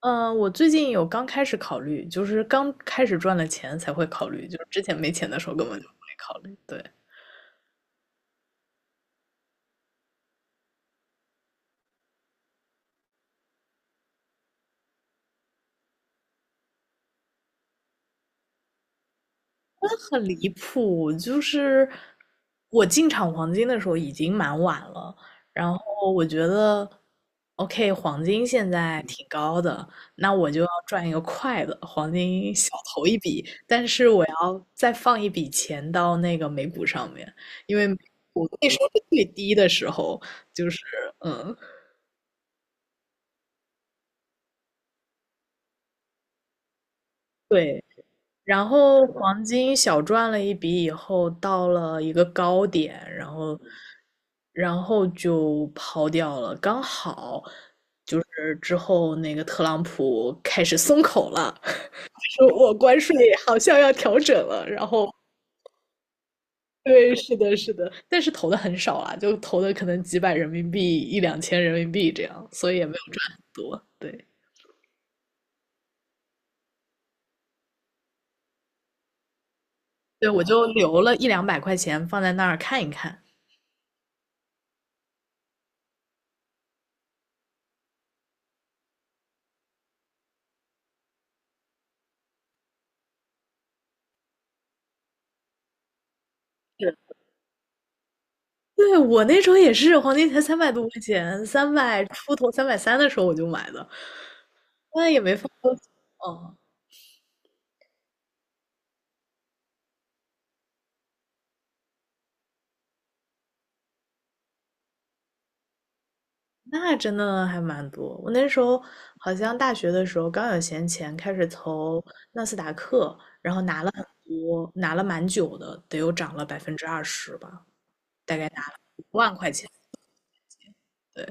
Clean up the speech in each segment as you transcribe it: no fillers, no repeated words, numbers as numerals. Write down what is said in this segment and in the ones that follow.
嗯，我最近有刚开始考虑，就是刚开始赚了钱才会考虑，就是之前没钱的时候根本就没考虑。对。那很离谱，就是我进场黄金的时候已经蛮晚了，然后我觉得，OK，黄金现在挺高的，那我就要赚一个快的，黄金小投一笔，但是我要再放一笔钱到那个美股上面，因为我股那时候是最低的时候，就是嗯，对。然后黄金小赚了一笔以后，到了一个高点，然后就抛掉了。刚好就是之后那个特朗普开始松口了，说我关税好像要调整了。然后，对，是的，是的，但是投的很少啊，就投的可能几百人民币、一两千人民币这样，所以也没有赚很多。对。对，我就留了一两百块钱放在那儿看一看。对。对，我那时候也是，黄金才三百多块钱，三百出头，330的时候我就买的，那也没放多久。哦，那真的还蛮多。我那时候好像大学的时候刚有闲钱，开始投纳斯达克，然后拿了很多，拿了蛮久的，得有涨了20%吧，大概拿了1万块钱。对。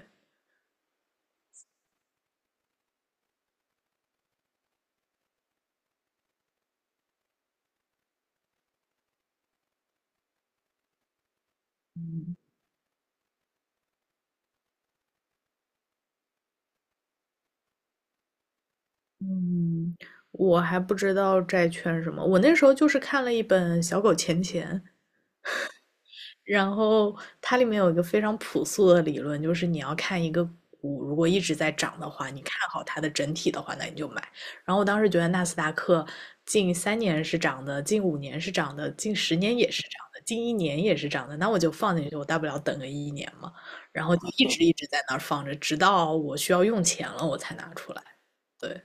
嗯，我还不知道债券什么，我那时候就是看了一本《小狗钱钱》，然后它里面有一个非常朴素的理论，就是你要看一个股如果一直在涨的话，你看好它的整体的话，那你就买。然后我当时觉得纳斯达克近3年是涨的，近5年是涨的，近10年也是涨的，近一年也是涨的，那我就放进去，我大不了等个一年嘛。然后就一直一直在那儿放着，直到我需要用钱了，我才拿出来。对。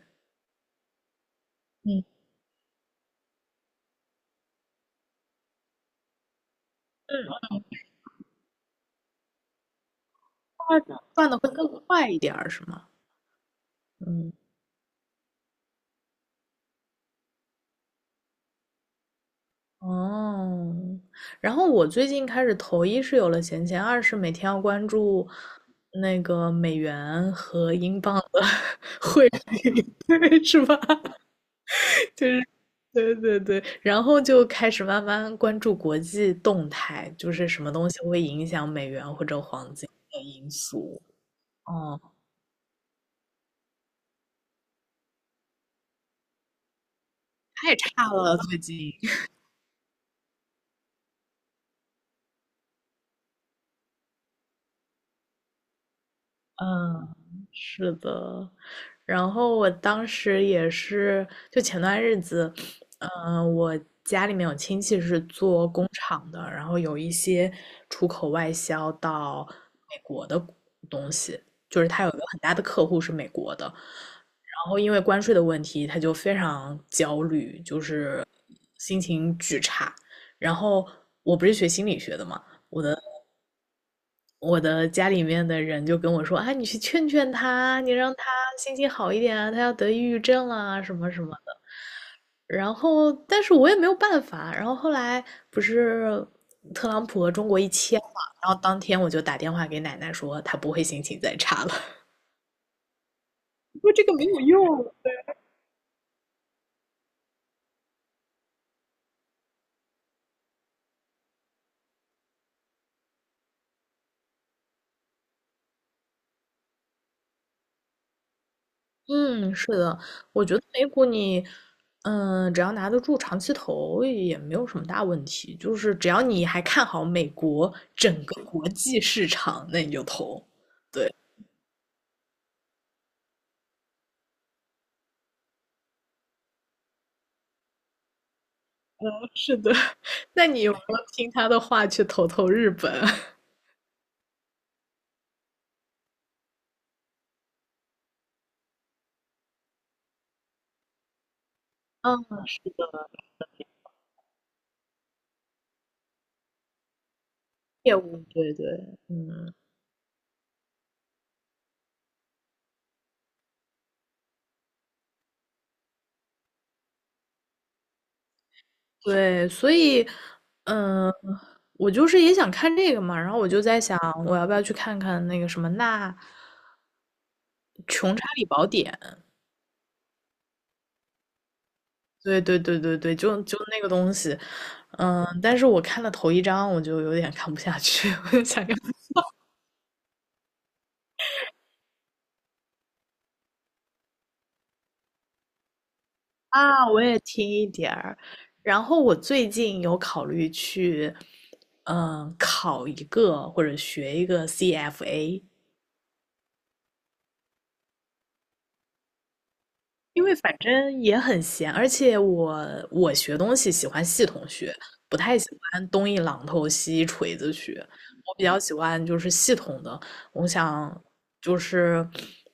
嗯。嗯，赚的会更快一点儿，是吗？嗯。哦，然后我最近开始投一是有了闲钱，二是每天要关注那个美元和英镑的，对，是吧？就是，对对对，然后就开始慢慢关注国际动态，就是什么东西会影响美元或者黄金的因素。哦。太差了，最近。嗯，是的。然后我当时也是，就前段日子，我家里面有亲戚是做工厂的，然后有一些出口外销到美国的东西，就是他有一个很大的客户是美国的，然后因为关税的问题，他就非常焦虑，就是心情巨差。然后我不是学心理学的嘛，我的家里面的人就跟我说：“啊，你去劝劝他，你让他心情好一点啊，他要得抑郁症啦，什么什么的。”然后，但是我也没有办法。然后后来不是特朗普和中国一签嘛，然后当天我就打电话给奶奶说他不会心情再差了，说这个没有用。嗯，是的。我觉得美股你，只要拿得住长期投也没有什么大问题，就是只要你还看好美国整个国际市场，那你就投。是的。那你有没有听他的话去投投日本？嗯，业务，对对。嗯，对，所以，嗯，我就是也想看这个嘛，然后我就在想，我要不要去看看那个什么《那穷查理宝典》？对对对对对，就就那个东西。嗯，但是我看了头一章，我就有点看不下去。我就想要。啊，我也听一点儿。然后我最近有考虑去，考一个或者学一个 CFA，因为反正也很闲，而且我学东西喜欢系统学，不太喜欢东一榔头西一锤子学。我比较喜欢就是系统的。我想就是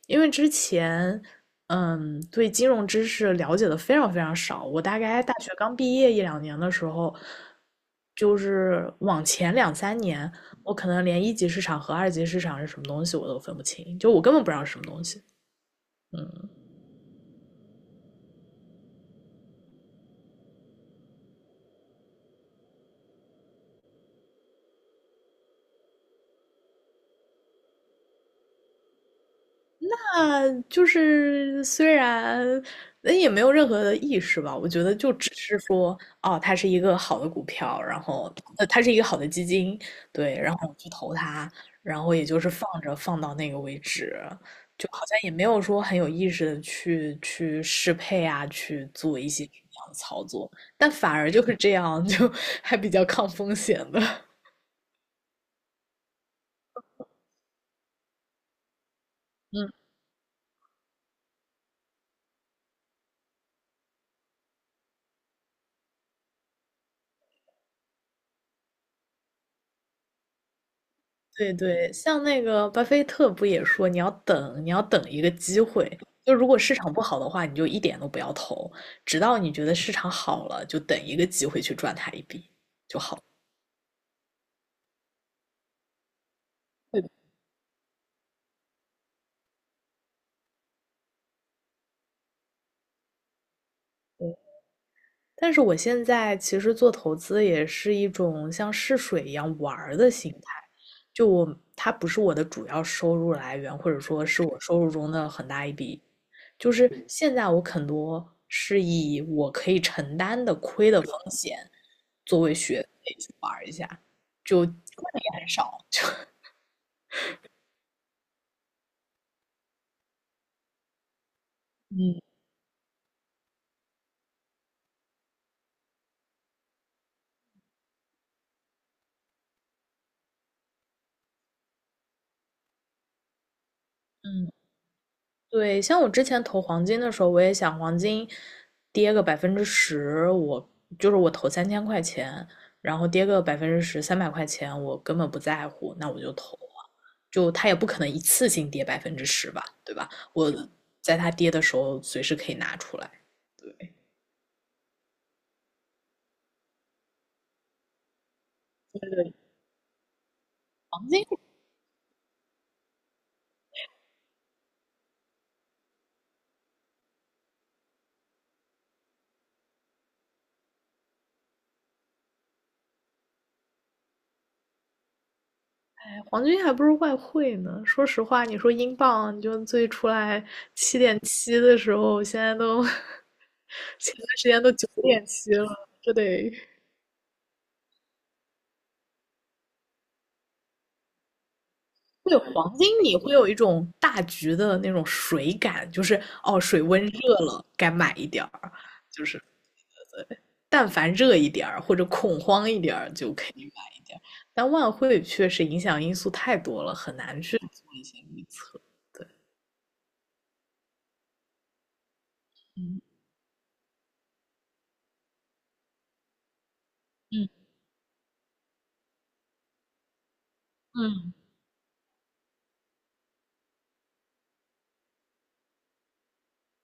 因为之前对金融知识了解的非常非常少，我大概大学刚毕业一两年的时候，就是往前两三年，我可能连一级市场和二级市场是什么东西我都分不清，就我根本不知道是什么东西。嗯。啊，就是虽然那也没有任何的意识吧，我觉得就只是说，哦，它是一个好的股票，然后它是一个好的基金，对，然后我去投它，然后也就是放着放到那个位置，就好像也没有说很有意识的去适配啊，去做一些这样的操作。但反而就是这样，就 还比较抗风险的。嗯。对对，像那个巴菲特不也说，你要等，你要等一个机会。就如果市场不好的话，你就一点都不要投，直到你觉得市场好了，就等一个机会去赚它一笔。对对。但是我现在其实做投资也是一种像试水一样玩儿的心态，就我，它不是我的主要收入来源，或者说是我收入中的很大一笔，就是现在我很多是以我可以承担的亏的风险作为学费去玩一下，就亏的也很少。嗯嗯，对。像我之前投黄金的时候，我也想黄金跌个百分之十，我就是我投3000块钱，然后跌个百分之十，300块钱我根本不在乎，那我就投了。就它也不可能一次性跌百分之十吧，对吧？我在它跌的时候随时可以拿出来。对。这个黄金哎，黄金还不如外汇呢。说实话，你说英镑，你就最出来7.7的时候，现在都 前段时间都9.7了。这得对黄金，你会有一种大局的那种水感，就是哦，水温热了，该买一点儿，就是但凡热一点儿或者恐慌一点儿就可以买一点儿。但外汇确实影响因素太多了，很难去做一些预测。嗯嗯嗯。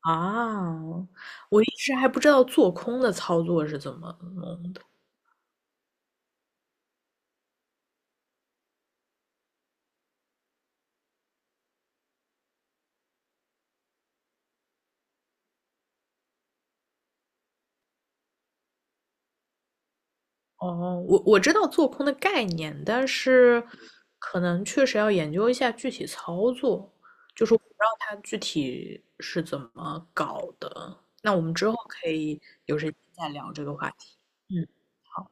啊，我一直还不知道做空的操作是怎么弄的。哦，我知道做空的概念，但是可能确实要研究一下具体操作，就是我不知道它具体是怎么搞的。那我们之后可以有时间再聊这个话题。嗯。好。